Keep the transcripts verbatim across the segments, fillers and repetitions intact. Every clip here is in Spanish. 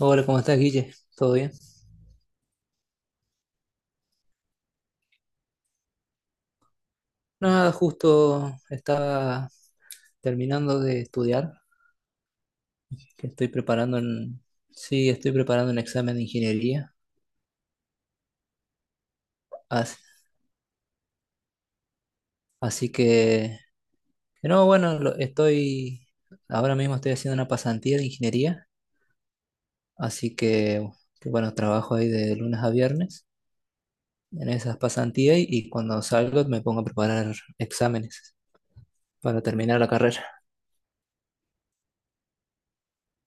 Hola, ¿cómo estás, Guille? ¿Todo bien? Nada, justo estaba terminando de estudiar, que estoy preparando un- sí, estoy preparando un examen de ingeniería. As- Así, que, que no, bueno, lo- estoy, ahora mismo estoy haciendo una pasantía de ingeniería, así que, que bueno, trabajo ahí de lunes a viernes en esas pasantías y, y cuando salgo me pongo a preparar exámenes para terminar la carrera.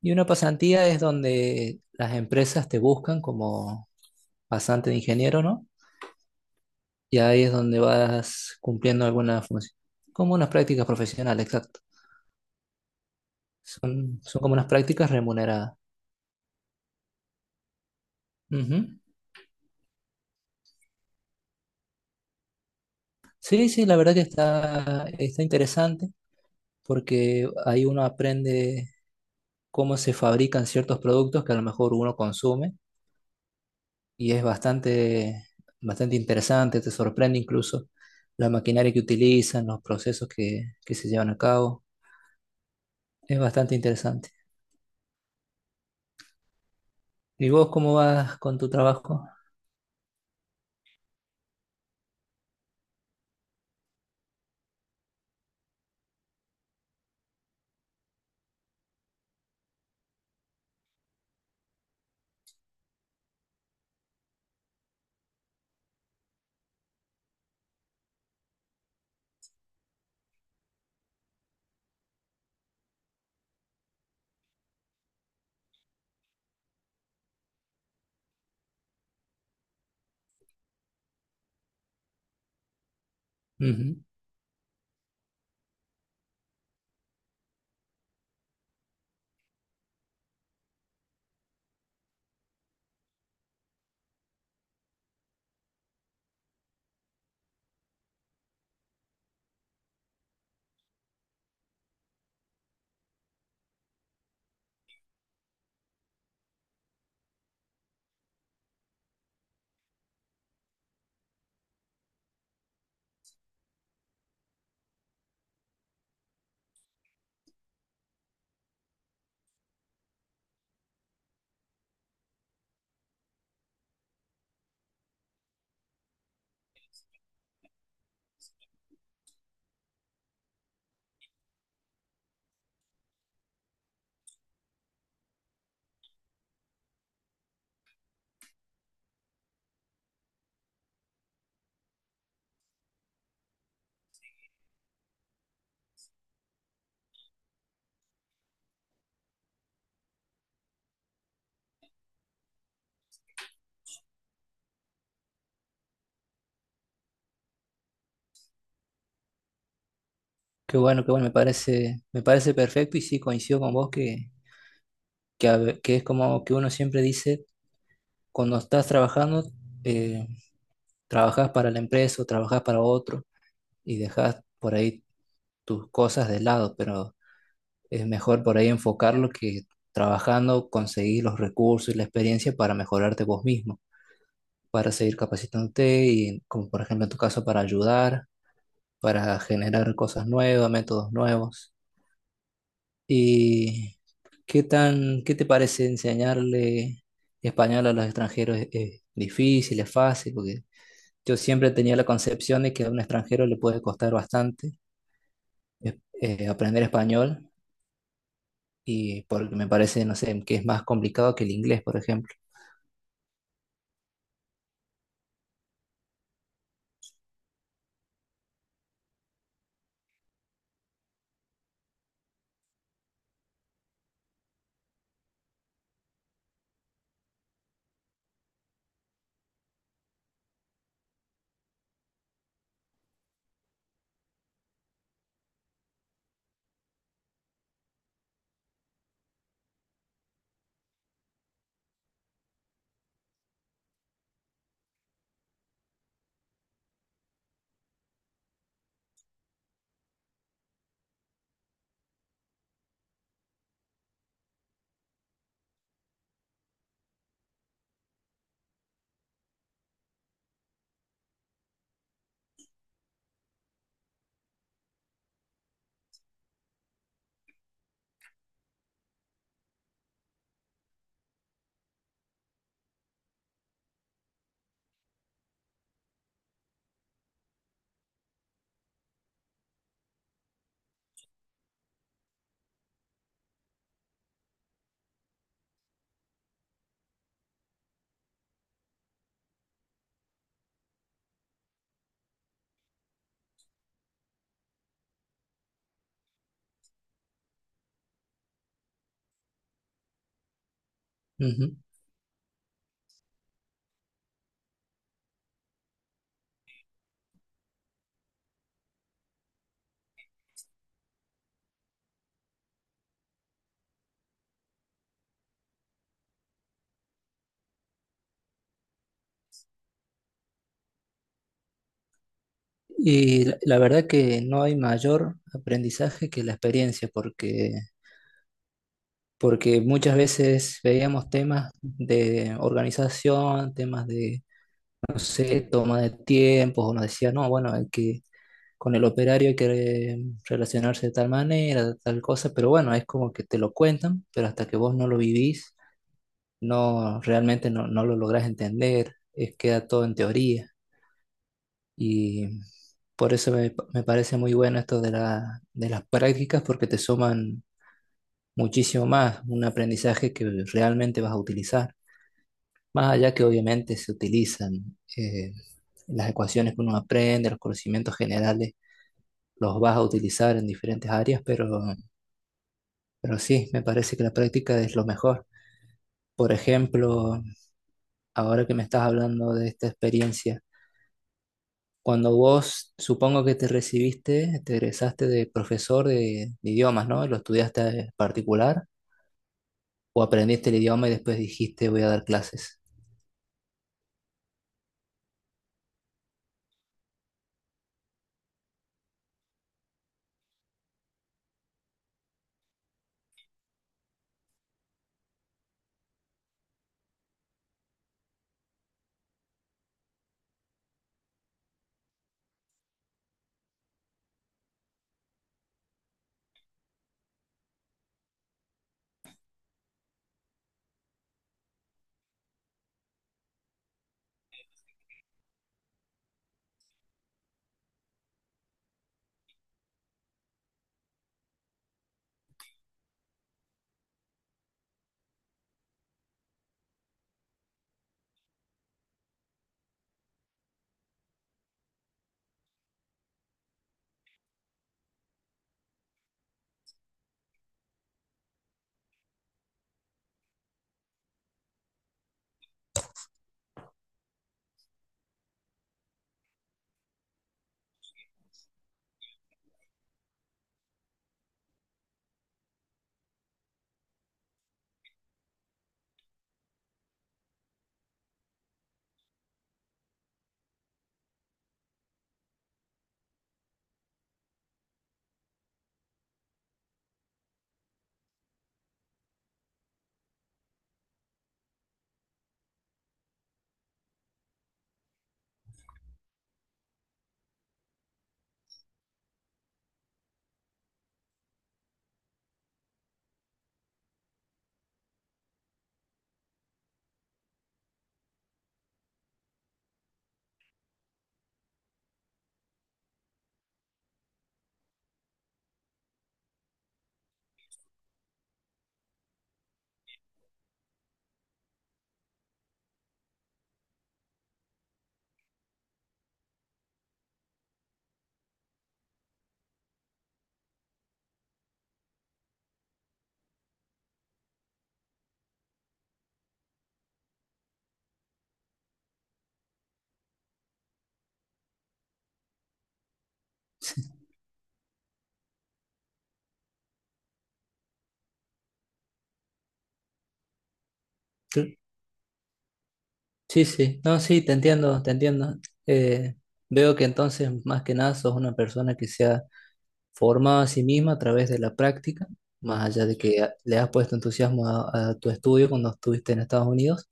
Y una pasantía es donde las empresas te buscan como bastante de ingeniero, ¿no? Y ahí es donde vas cumpliendo alguna función. Como unas prácticas profesionales, exacto. Son, son como unas prácticas remuneradas. Ujú. Sí, sí, la verdad que está, está interesante porque ahí uno aprende cómo se fabrican ciertos productos que a lo mejor uno consume y es bastante, bastante interesante, te sorprende incluso la maquinaria que utilizan, los procesos que, que se llevan a cabo. Es bastante interesante. ¿Y vos cómo vas con tu trabajo? Ujú. Qué bueno, qué bueno, me parece, me parece perfecto y sí coincido con vos que, que, a ve- que es como que uno siempre dice, cuando estás trabajando, eh, trabajás para la empresa o trabajás para otro y dejás por ahí tus cosas de lado, pero es mejor por ahí enfocarlo que trabajando conseguir los recursos y la experiencia para mejorarte vos mismo, para seguir capacitándote y como por ejemplo en tu caso para ayudar, para generar cosas nuevas, métodos nuevos. ¿Y qué tan, qué te parece enseñarle español a los extranjeros? ¿Es, es difícil, es fácil? Porque yo siempre tenía la concepción de que a un extranjero le puede costar bastante eh, eh, aprender español y porque me parece, no sé, que es más complicado que el inglés, por ejemplo. Ujú. Y la, la verdad que no hay mayor aprendizaje que la experiencia, porque, porque muchas veces veíamos temas de organización, temas de no sé, toma de tiempos, o nos decía, no, bueno, hay que, con el operario hay que eh, relacionarse de tal manera, de tal cosa, pero bueno, es como que te lo cuentan, pero hasta que vos no lo vivís, no, realmente no, no lo lográs entender, es, queda todo en teoría. Y por eso me, me parece muy bueno esto de la, de las prácticas, porque te suman muchísimo más, un aprendizaje que realmente vas a utilizar. Más allá que obviamente se utilizan eh, las ecuaciones que uno aprende, los conocimientos generales, los vas a utilizar en diferentes áreas, pero, pero sí, me parece que la práctica es lo mejor. Por ejemplo, ahora que me estás hablando de esta experiencia, cuando vos supongo que te recibiste, te egresaste de profesor de, de idiomas, ¿no? ¿Lo estudiaste particular o aprendiste el idioma y después dijiste voy a dar clases? Sí, sí, no, sí, te entiendo, te entiendo. Eh, veo que entonces, más que nada, sos una persona que se ha formado a sí misma a través de la práctica, más allá de que a- le has puesto entusiasmo a, a tu estudio cuando estuviste en Estados Unidos.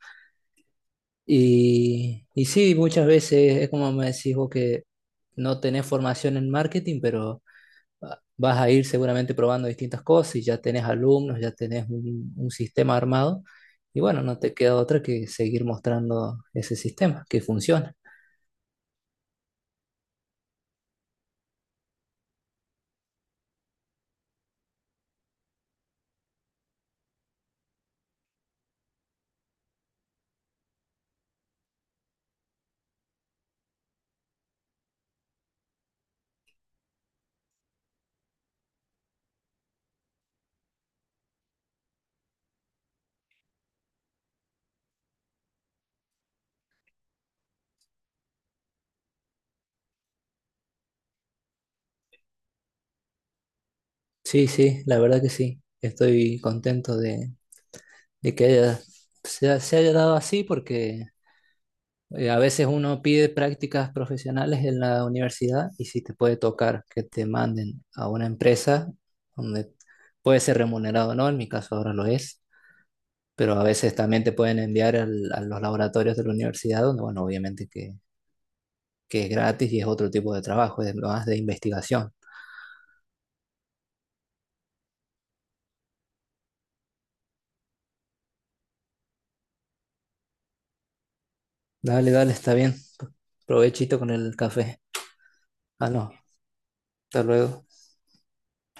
Y, y sí, muchas veces es como me decís vos que no tenés formación en marketing, pero ah, vas a ir seguramente probando distintas cosas y ya tenés alumnos, ya tenés un, un sistema armado. Y bueno, no te queda otra que seguir mostrando ese sistema que funciona. Sí, sí, la verdad que sí. Estoy contento de, de que haya- se, se haya dado así porque eh, a veces uno pide prácticas profesionales en la universidad y si te puede tocar que te manden a una empresa donde puede ser remunerado o no, en mi caso ahora lo es, pero a veces también te pueden enviar al- a los laboratorios de la universidad donde, bueno, obviamente que, que es gratis y es otro tipo de trabajo, es más de investigación. Dale, dale, está bien. Provechito con el café. Ah, no, hasta luego.